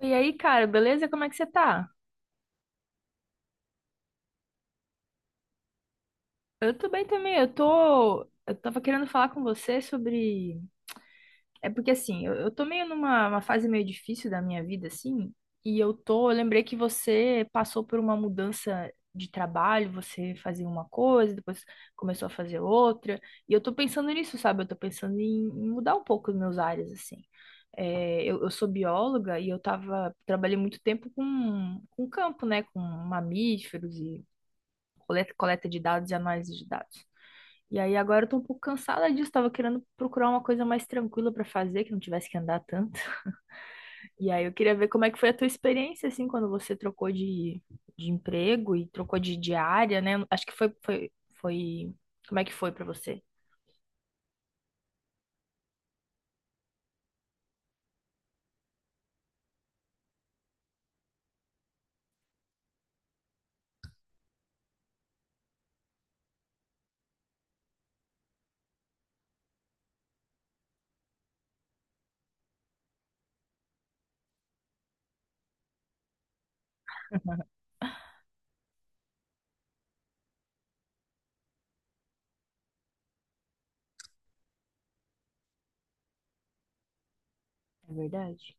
E aí, cara, beleza? Como é que você tá? Eu tô bem também. Eu tô. Eu tava querendo falar com você sobre. É porque assim, eu tô meio numa uma fase meio difícil da minha vida, assim. E eu tô. Eu lembrei que você passou por uma mudança de trabalho, você fazia uma coisa, depois começou a fazer outra. E eu tô pensando nisso, sabe? Eu tô pensando em mudar um pouco os meus áreas, assim. É, eu sou bióloga e eu tava, trabalhei muito tempo com campo, né? Com mamíferos e coleta de dados e análise de dados. E aí agora eu tô um pouco cansada disso, tava querendo procurar uma coisa mais tranquila pra fazer, que não tivesse que andar tanto. E aí eu queria ver como é que foi a tua experiência, assim, quando você trocou de emprego e trocou de área, né? Acho que foi. Como é que foi pra você? É verdade.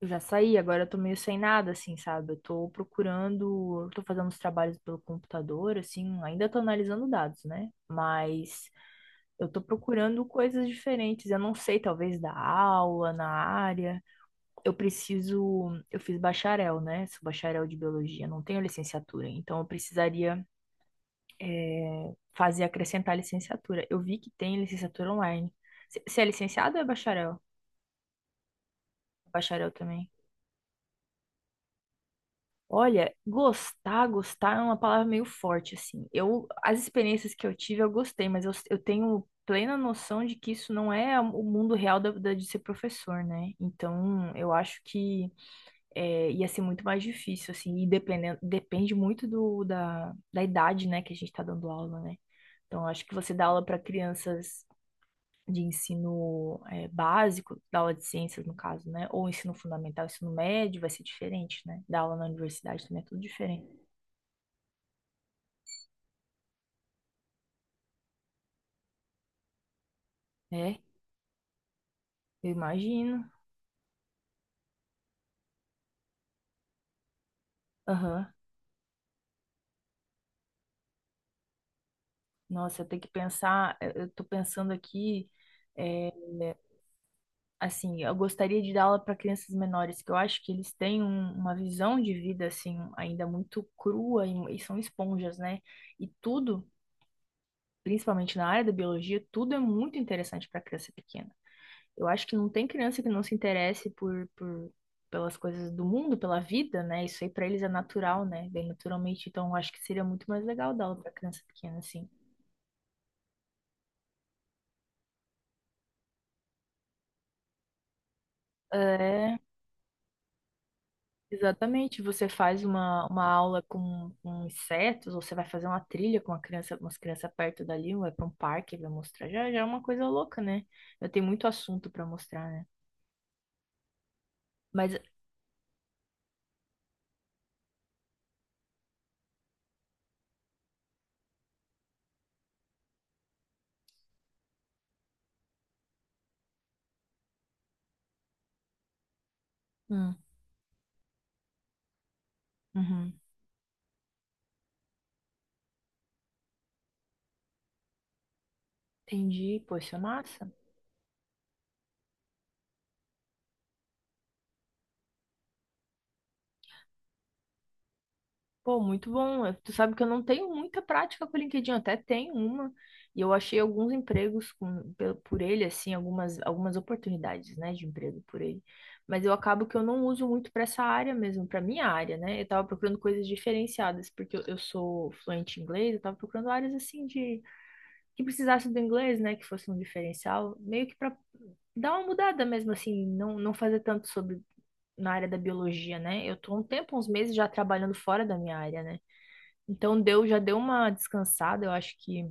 Eu já saí, agora eu tô meio sem nada, assim, sabe? Eu tô procurando, eu tô fazendo os trabalhos pelo computador, assim, ainda tô analisando dados, né? Mas eu tô procurando coisas diferentes. Eu não sei, talvez da aula, na área. Eu preciso. Eu fiz bacharel, né? Sou bacharel de biologia, não tenho licenciatura. Então eu precisaria, fazer acrescentar licenciatura. Eu vi que tem licenciatura online. Você é licenciado ou é bacharel? Bacharel também. Olha, gostar, gostar é uma palavra meio forte, assim. Eu, as experiências que eu tive, eu gostei, mas eu tenho plena noção de que isso não é o mundo real de ser professor, né? Então, eu acho que ia ser muito mais difícil, assim, e depende muito da idade, né, que a gente tá dando aula, né? Então, eu acho que você dá aula para crianças de ensino básico, da aula de ciências, no caso, né? Ou ensino fundamental, ensino médio, vai ser diferente, né? Da aula na universidade também é tudo diferente. É, eu imagino. Aham. Nossa, eu tenho que pensar, eu tô pensando aqui, eh, assim, eu gostaria de dar aula para crianças menores, que eu acho que eles têm uma visão de vida, assim, ainda muito crua e são esponjas, né? E tudo, principalmente na área da biologia, tudo é muito interessante para criança pequena. Eu acho que não tem criança que não se interesse por pelas coisas do mundo, pela vida, né? Isso aí pra eles é natural, né? Bem naturalmente. Então, eu acho que seria muito mais legal dar aula pra criança pequena, assim. É, exatamente. Você faz uma aula com insetos, ou você vai fazer uma trilha com uma criança, umas crianças perto dali, ou vai pra um parque, vai mostrar. Já é uma coisa louca, né? Eu tenho muito assunto pra mostrar, né? Mas, hum, uhum, entendi. Poxa, massa. Pô, muito bom. Tu sabe que eu não tenho muita prática com o LinkedIn, eu até tenho uma, e eu achei alguns empregos por ele, assim, algumas oportunidades, né, de emprego por ele. Mas eu acabo que eu não uso muito para essa área mesmo, para minha área, né? Eu tava procurando coisas diferenciadas, porque eu sou fluente em inglês, eu tava procurando áreas assim de que precisasse do inglês, né, que fosse um diferencial, meio que para dar uma mudada mesmo, assim, não, não fazer tanto sobre na área da biologia, né? Eu tô há um tempo, uns meses já trabalhando fora da minha área, né? Então deu, já deu uma descansada, eu acho que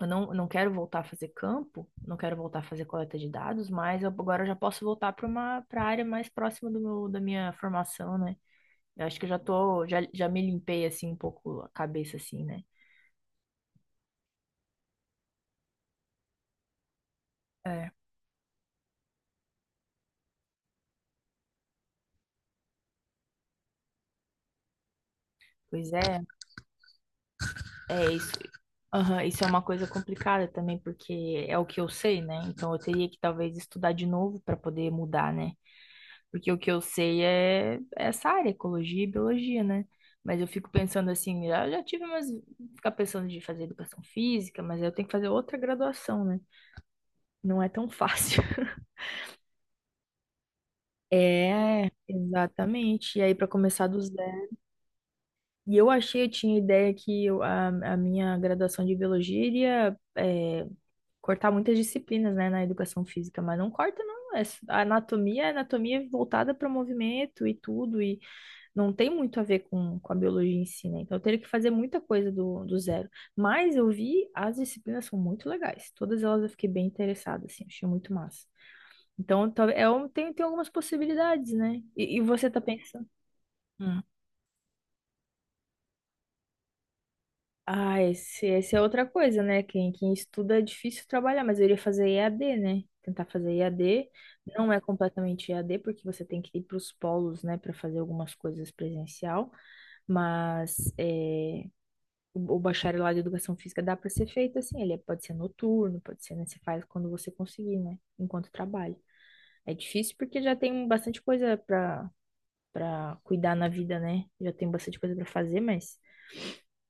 eu não, não quero voltar a fazer campo, não quero voltar a fazer coleta de dados, mas agora já posso voltar para a área mais próxima do meu, da minha formação, né? Eu acho que eu já tô, já, já me limpei assim um pouco a cabeça assim, né? É. Pois é, é isso. Aham, isso é uma coisa complicada também, porque é o que eu sei, né? Então eu teria que talvez estudar de novo para poder mudar, né? Porque o que eu sei é essa área, ecologia e biologia, né? Mas eu fico pensando assim, eu já tive umas. Ficar pensando de fazer educação física, mas aí eu tenho que fazer outra graduação, né? Não é tão fácil. É, exatamente. E aí, para começar do zero. E eu achei, eu tinha ideia que a minha graduação de biologia iria cortar muitas disciplinas, né, na educação física, mas não corta, não. A anatomia é anatomia voltada para movimento e tudo. E não tem muito a ver com a biologia em si, né? Então eu teria que fazer muita coisa do zero. Mas eu vi, as disciplinas são muito legais. Todas elas eu fiquei bem interessada, assim, achei muito massa. Então, tem algumas possibilidades, né? E você tá pensando? Hum. Ah, essa é outra coisa, né? Quem estuda é difícil trabalhar, mas eu iria fazer EAD, né? Tentar fazer EAD. Não é completamente EAD, porque você tem que ir para os polos, né, para fazer algumas coisas presencial, mas é, o bacharelado de educação física dá para ser feito assim, pode ser noturno, pode ser, né? Você faz quando você conseguir, né? Enquanto trabalha. É difícil porque já tem bastante coisa para cuidar na vida, né? Já tem bastante coisa para fazer, mas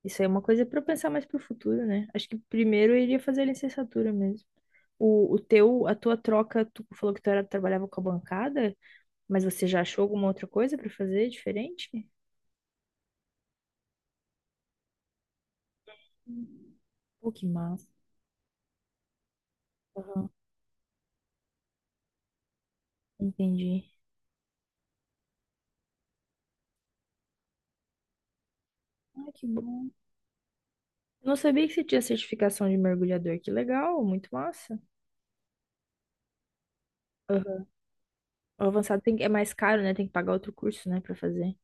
isso aí é uma coisa para pensar mais pro futuro, né? Acho que primeiro eu iria fazer a licenciatura mesmo. A tua troca, tu falou que trabalhava com a bancada, mas você já achou alguma outra coisa para fazer diferente? Pô, que massa. Aham, entendi. Ah, que bom. Eu não sabia que você tinha certificação de mergulhador. Que legal, muito massa. Aham. O avançado é mais caro, né? Tem que pagar outro curso, né, pra fazer.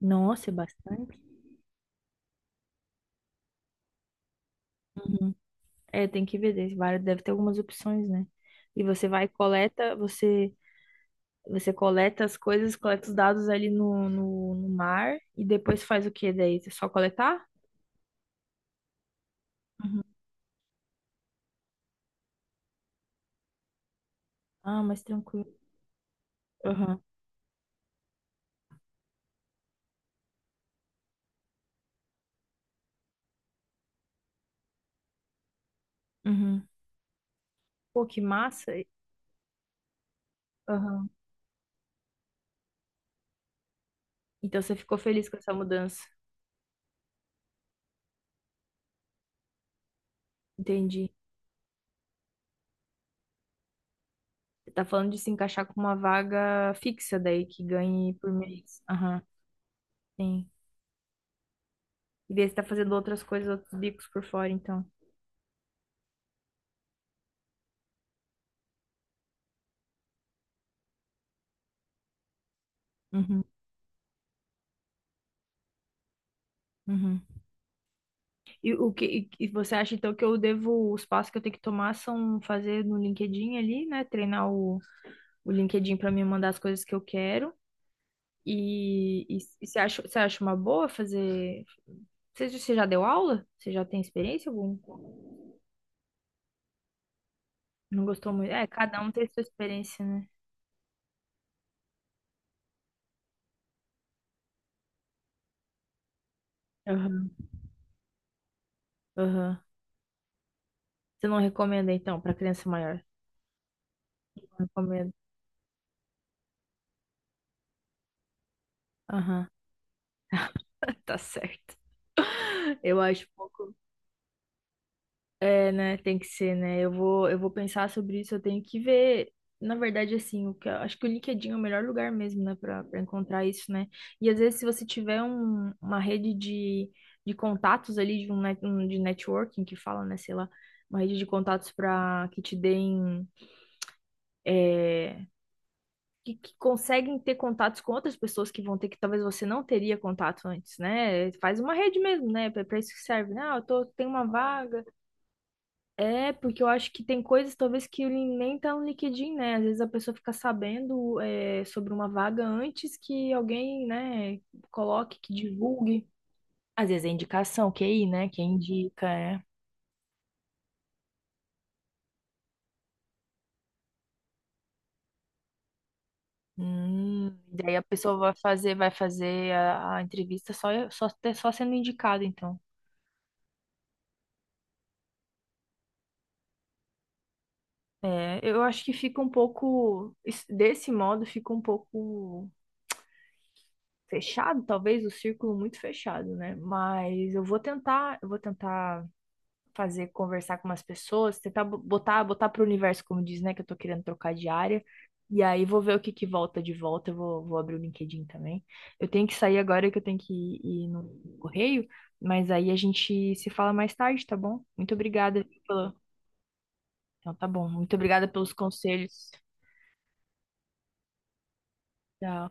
Nossa, é bastante. Uhum. É, tem que ver, deve ter algumas opções, né? E você vai e coleta, você você coleta as coisas, coleta os dados ali no mar e depois faz o quê daí? É só coletar? Uhum. Ah, mas tranquilo. Aham. Uhum. Pô, que massa. Aham. Então você ficou feliz com essa mudança. Entendi. Você tá falando de se encaixar com uma vaga fixa daí, que ganhe por mês. Aham, sim. E daí você tá fazendo outras coisas, outros bicos por fora, então. Uhum, uhum. E o que e você acha então que eu devo, os passos que eu tenho que tomar são fazer no LinkedIn ali, né? Treinar o LinkedIn para me mandar as coisas que eu quero. E você acha uma boa fazer? Você já deu aula? Você já tem experiência? Algum? Não gostou muito? É, cada um tem sua experiência, né? Aham, aham. Você não recomenda, então, pra criança maior? Não recomendo. Aham. Tá certo. Eu acho um pouco. É, né? Tem que ser, né? Eu vou pensar sobre isso. Eu tenho que ver. Na verdade, assim, acho que o LinkedIn é o melhor lugar mesmo, né, para encontrar isso, né? E às vezes, se você tiver uma rede de contatos ali, de networking que fala, né, sei lá, uma rede de contatos para que te deem. é, que conseguem ter contatos com outras pessoas que vão ter que talvez você não teria contato antes, né? Faz uma rede mesmo, né? Para isso que serve, né? Ah, tenho uma vaga. É, porque eu acho que tem coisas talvez que nem tá no LinkedIn, né? Às vezes a pessoa fica sabendo sobre uma vaga antes que alguém, né, coloque, que divulgue. Às vezes é indicação, QI, né? Quem indica, é. Hum, Daí a pessoa vai fazer, vai fazer a entrevista só sendo indicada, então. É, eu acho que fica um pouco, desse modo, fica um pouco fechado, talvez o círculo muito fechado, né? Mas eu vou tentar fazer conversar com umas pessoas, tentar botar para o universo, como diz, né? Que eu tô querendo trocar de área. E aí vou ver o que que volta de volta. Eu vou abrir o LinkedIn também. Eu tenho que sair agora que eu tenho que ir no correio, mas aí a gente se fala mais tarde, tá bom? Muito obrigada pela... Então tá bom. Muito obrigada pelos conselhos. Tchau.